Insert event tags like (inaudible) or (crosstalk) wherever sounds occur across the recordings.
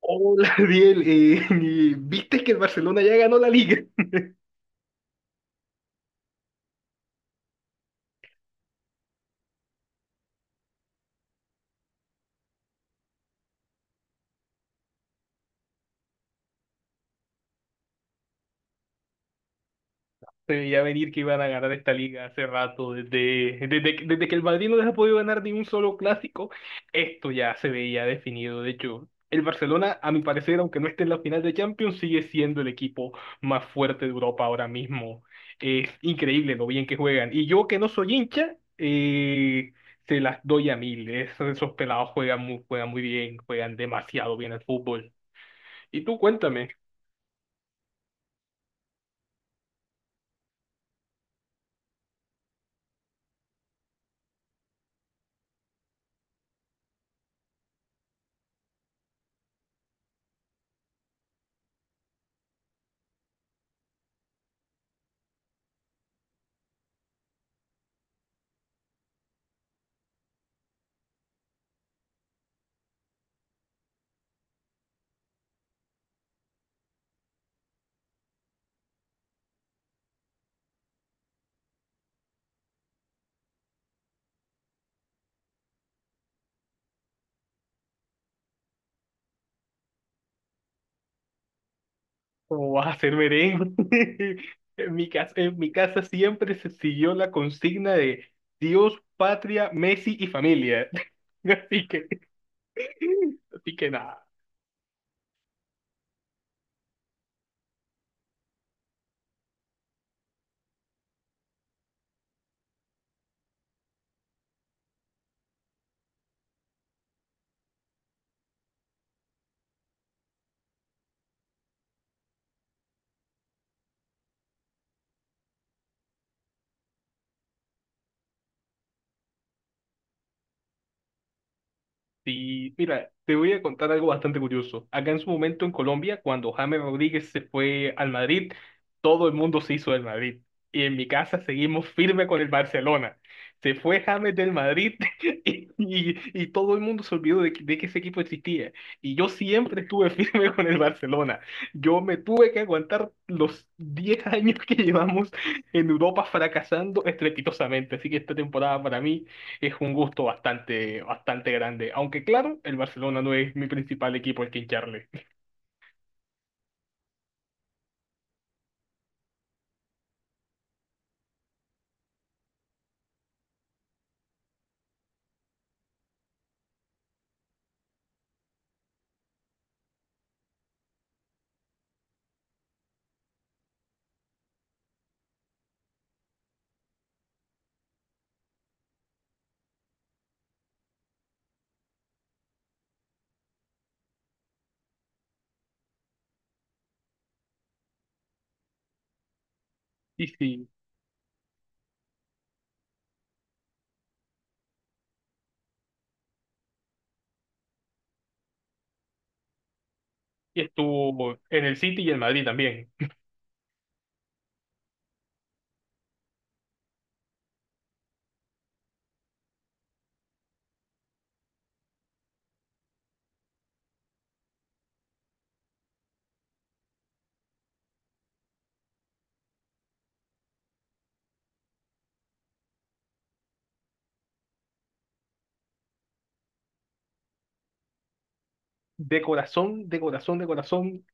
Hola, (laughs) Biel. Y ¿viste que el Barcelona ya ganó la liga? Se veía venir que iban a ganar esta liga hace rato. Desde que el Madrid no les ha podido ganar ni un solo clásico, esto ya se veía definido. De hecho, el Barcelona, a mi parecer, aunque no esté en la final de Champions, sigue siendo el equipo más fuerte de Europa ahora mismo. Es increíble lo bien que juegan. Y yo que no soy hincha, se las doy a mil. Esos pelados juegan muy bien, juegan demasiado bien al fútbol. Y tú cuéntame. ¿Cómo vas a hacer merengue? (laughs) En mi casa siempre se siguió la consigna de Dios, patria, Messi y familia. (laughs) Así que, así que nada. Sí, mira, te voy a contar algo bastante curioso. Acá en su momento en Colombia, cuando James Rodríguez se fue al Madrid, todo el mundo se hizo del Madrid. Y en mi casa seguimos firme con el Barcelona. Se fue James del Madrid (laughs) y, y- y todo el mundo se olvidó de que ese equipo existía. Y yo siempre estuve firme (laughs) con el Barcelona. Yo me tuve que aguantar los 10 años que llevamos en Europa fracasando estrepitosamente. Así que esta temporada para mí es un gusto bastante grande. Aunque claro, el Barcelona no es mi principal equipo al que hincharle. Y sí, y estuvo en el City y el Madrid también. De corazón,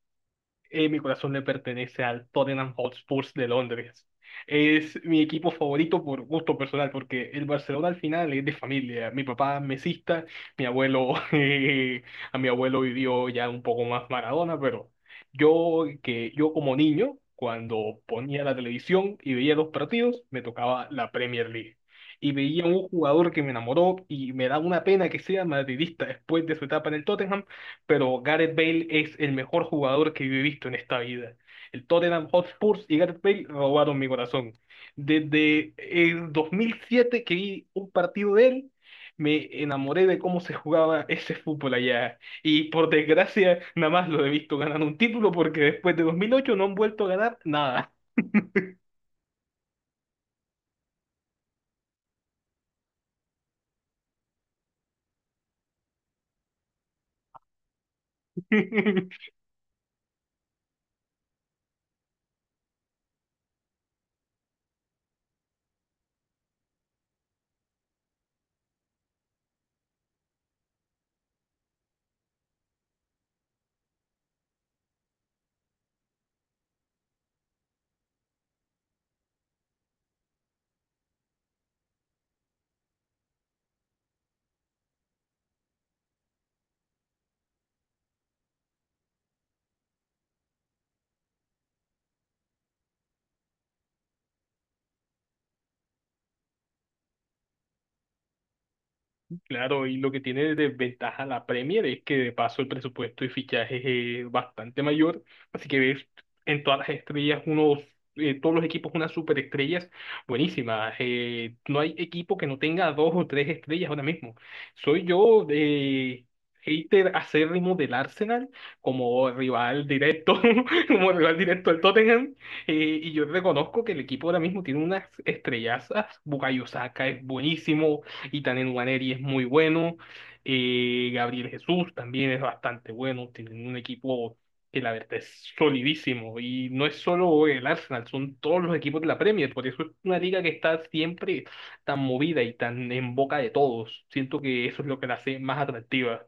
mi corazón le pertenece al Tottenham Hotspur de Londres. Es mi equipo favorito por gusto personal, porque el Barcelona al final es de familia. Mi papá es mesista, mi abuelo, (laughs) a mi abuelo vivió ya un poco más Maradona, pero yo como niño, cuando ponía la televisión y veía los partidos, me tocaba la Premier League. Y veía un jugador que me enamoró y me da una pena que sea madridista después de su etapa en el Tottenham, pero Gareth Bale es el mejor jugador que yo he visto en esta vida. El Tottenham Hotspurs y Gareth Bale robaron mi corazón. Desde el 2007 que vi un partido de él, me enamoré de cómo se jugaba ese fútbol allá. Y por desgracia, nada más lo he visto ganar un título porque después de 2008 no han vuelto a ganar nada. (laughs) Claro, y lo que tiene de ventaja la Premier es que de paso el presupuesto y fichajes es bastante mayor, así que ves en todas las estrellas unos, todos los equipos unas superestrellas buenísimas. No hay equipo que no tenga dos o tres estrellas ahora mismo. Soy yo hater acérrimo del Arsenal como rival directo, (laughs) como rival directo del Tottenham. Y yo reconozco que el equipo ahora mismo tiene unas estrellazas. Bukayo Saka es buenísimo y también Waneri es muy bueno. Gabriel Jesús también es bastante bueno. Tienen un equipo que la verdad es solidísimo. Y no es solo el Arsenal, son todos los equipos de la Premier. Por eso es una liga que está siempre tan movida y tan en boca de todos. Siento que eso es lo que la hace más atractiva.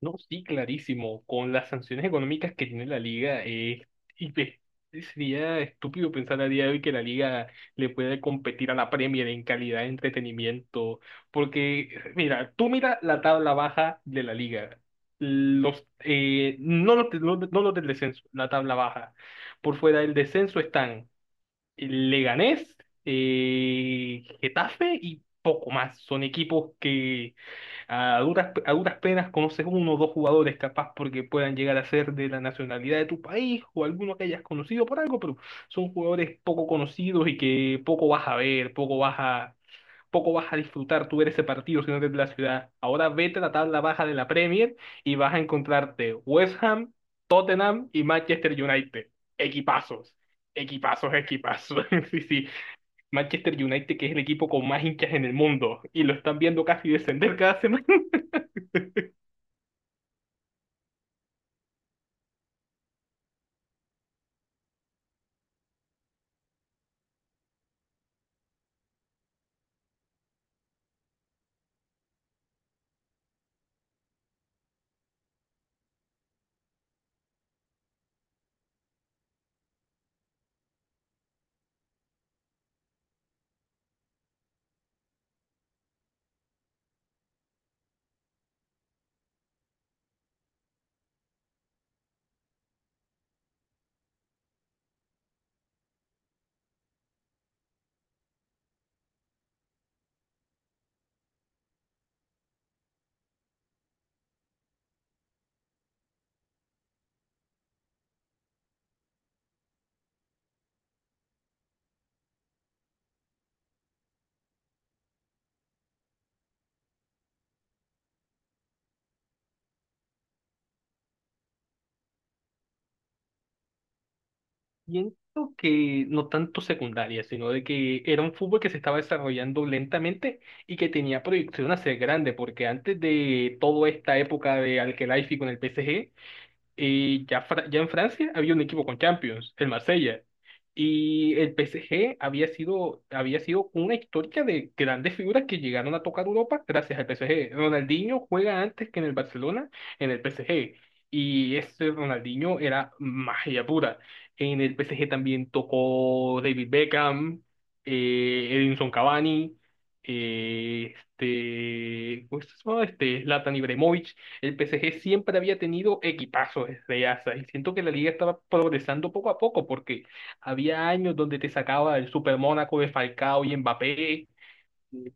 No, sí, clarísimo. Con las sanciones económicas que tiene la liga, y ve, sería estúpido pensar a día de hoy que la liga le puede competir a la Premier en calidad de entretenimiento. Porque, mira, tú mira la tabla baja de la liga. Los, no los, de- no no los del descenso, la tabla baja. Por fuera del descenso están Leganés, Getafe y poco más. Son equipos que a duras penas conoces uno o dos jugadores capaz porque puedan llegar a ser de la nacionalidad de tu país o alguno que hayas conocido por algo, pero son jugadores poco conocidos y que poco vas a disfrutar tú ver ese partido si no eres de la ciudad. Ahora vete a la tabla baja de la Premier y vas a encontrarte West Ham, Tottenham y Manchester United. Equipazos. Equipazos. (laughs) Sí, sí. Manchester United, que es el equipo con más hinchas en el mundo, y lo están viendo casi descender cada semana. Siento que no tanto secundaria, sino de que era un fútbol que se estaba desarrollando lentamente y que tenía proyección a ser grande, porque antes de toda esta época de Al-Khelaifi con el PSG, y ya, ya en Francia había un equipo con Champions, el Marsella. Y el PSG había sido una historia de grandes figuras que llegaron a tocar Europa gracias al PSG. Ronaldinho juega antes que en el Barcelona, en el PSG. Y ese Ronaldinho era magia pura. En el PSG también tocó David Beckham, Edinson Cavani, ¿cómo se llama? Este, Zlatan Ibrahimovic. El PSG siempre había tenido equipazos desde ASA y siento que la liga estaba progresando poco a poco porque había años donde te sacaba el Super Mónaco de Falcao y Mbappé,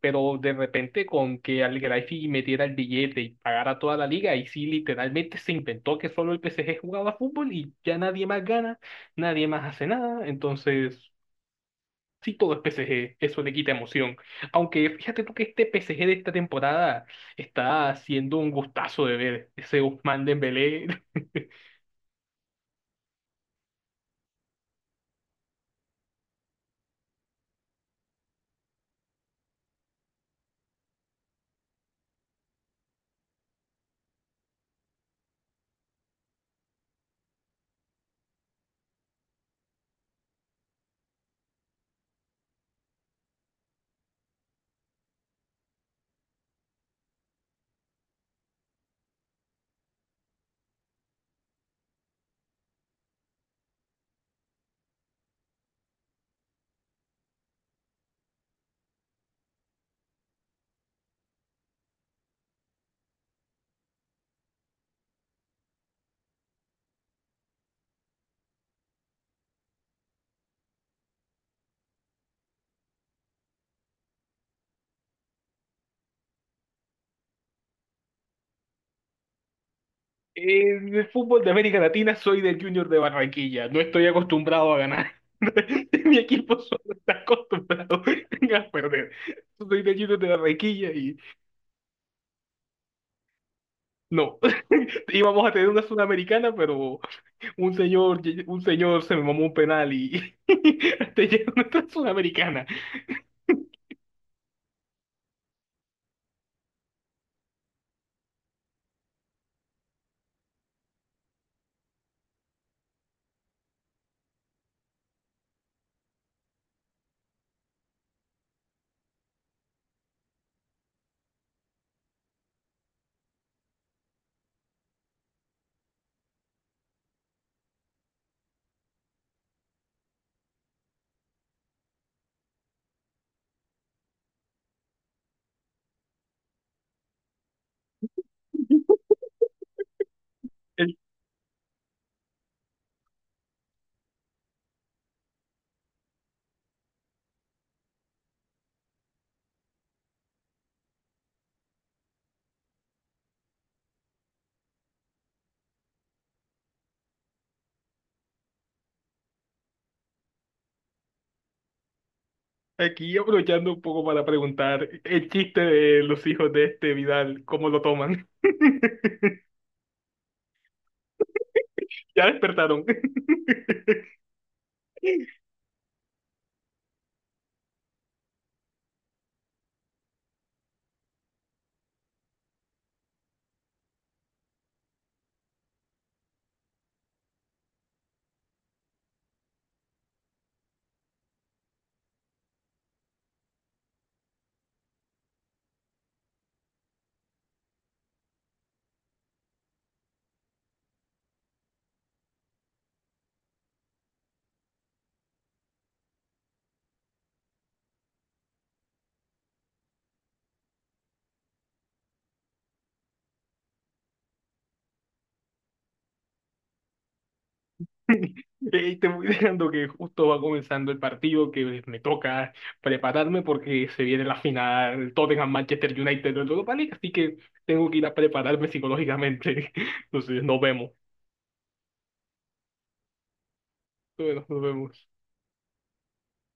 pero de repente con que al Greifi metiera el billete y pagara toda la liga y sí literalmente se inventó que solo el PSG jugaba fútbol y ya nadie más gana, nadie más hace nada, entonces sí, todo es PSG, eso le quita emoción. Aunque fíjate tú que este PSG de esta temporada está siendo un gustazo de ver. Ese Ousmane Dembélé. (laughs) En el fútbol de América Latina soy del Junior de Barranquilla. No estoy acostumbrado a ganar. (laughs) Mi equipo solo está acostumbrado (laughs) a perder. Soy del Junior de Barranquilla y no. (laughs) Íbamos a tener una sudamericana, pero un señor, un señor se me mamó un penal y (laughs) hasta llegó nuestra sudamericana. Aquí aprovechando un poco para preguntar el chiste de los hijos de este Vidal, ¿cómo lo toman? (laughs) Ya despertaron. (laughs) Te voy dejando que justo va comenzando el partido que me toca prepararme porque se viene la final Tottenham-Manchester United en Europa League, así que tengo que ir a prepararme psicológicamente. (laughs) Entonces, nos vemos. Bueno, nos vemos.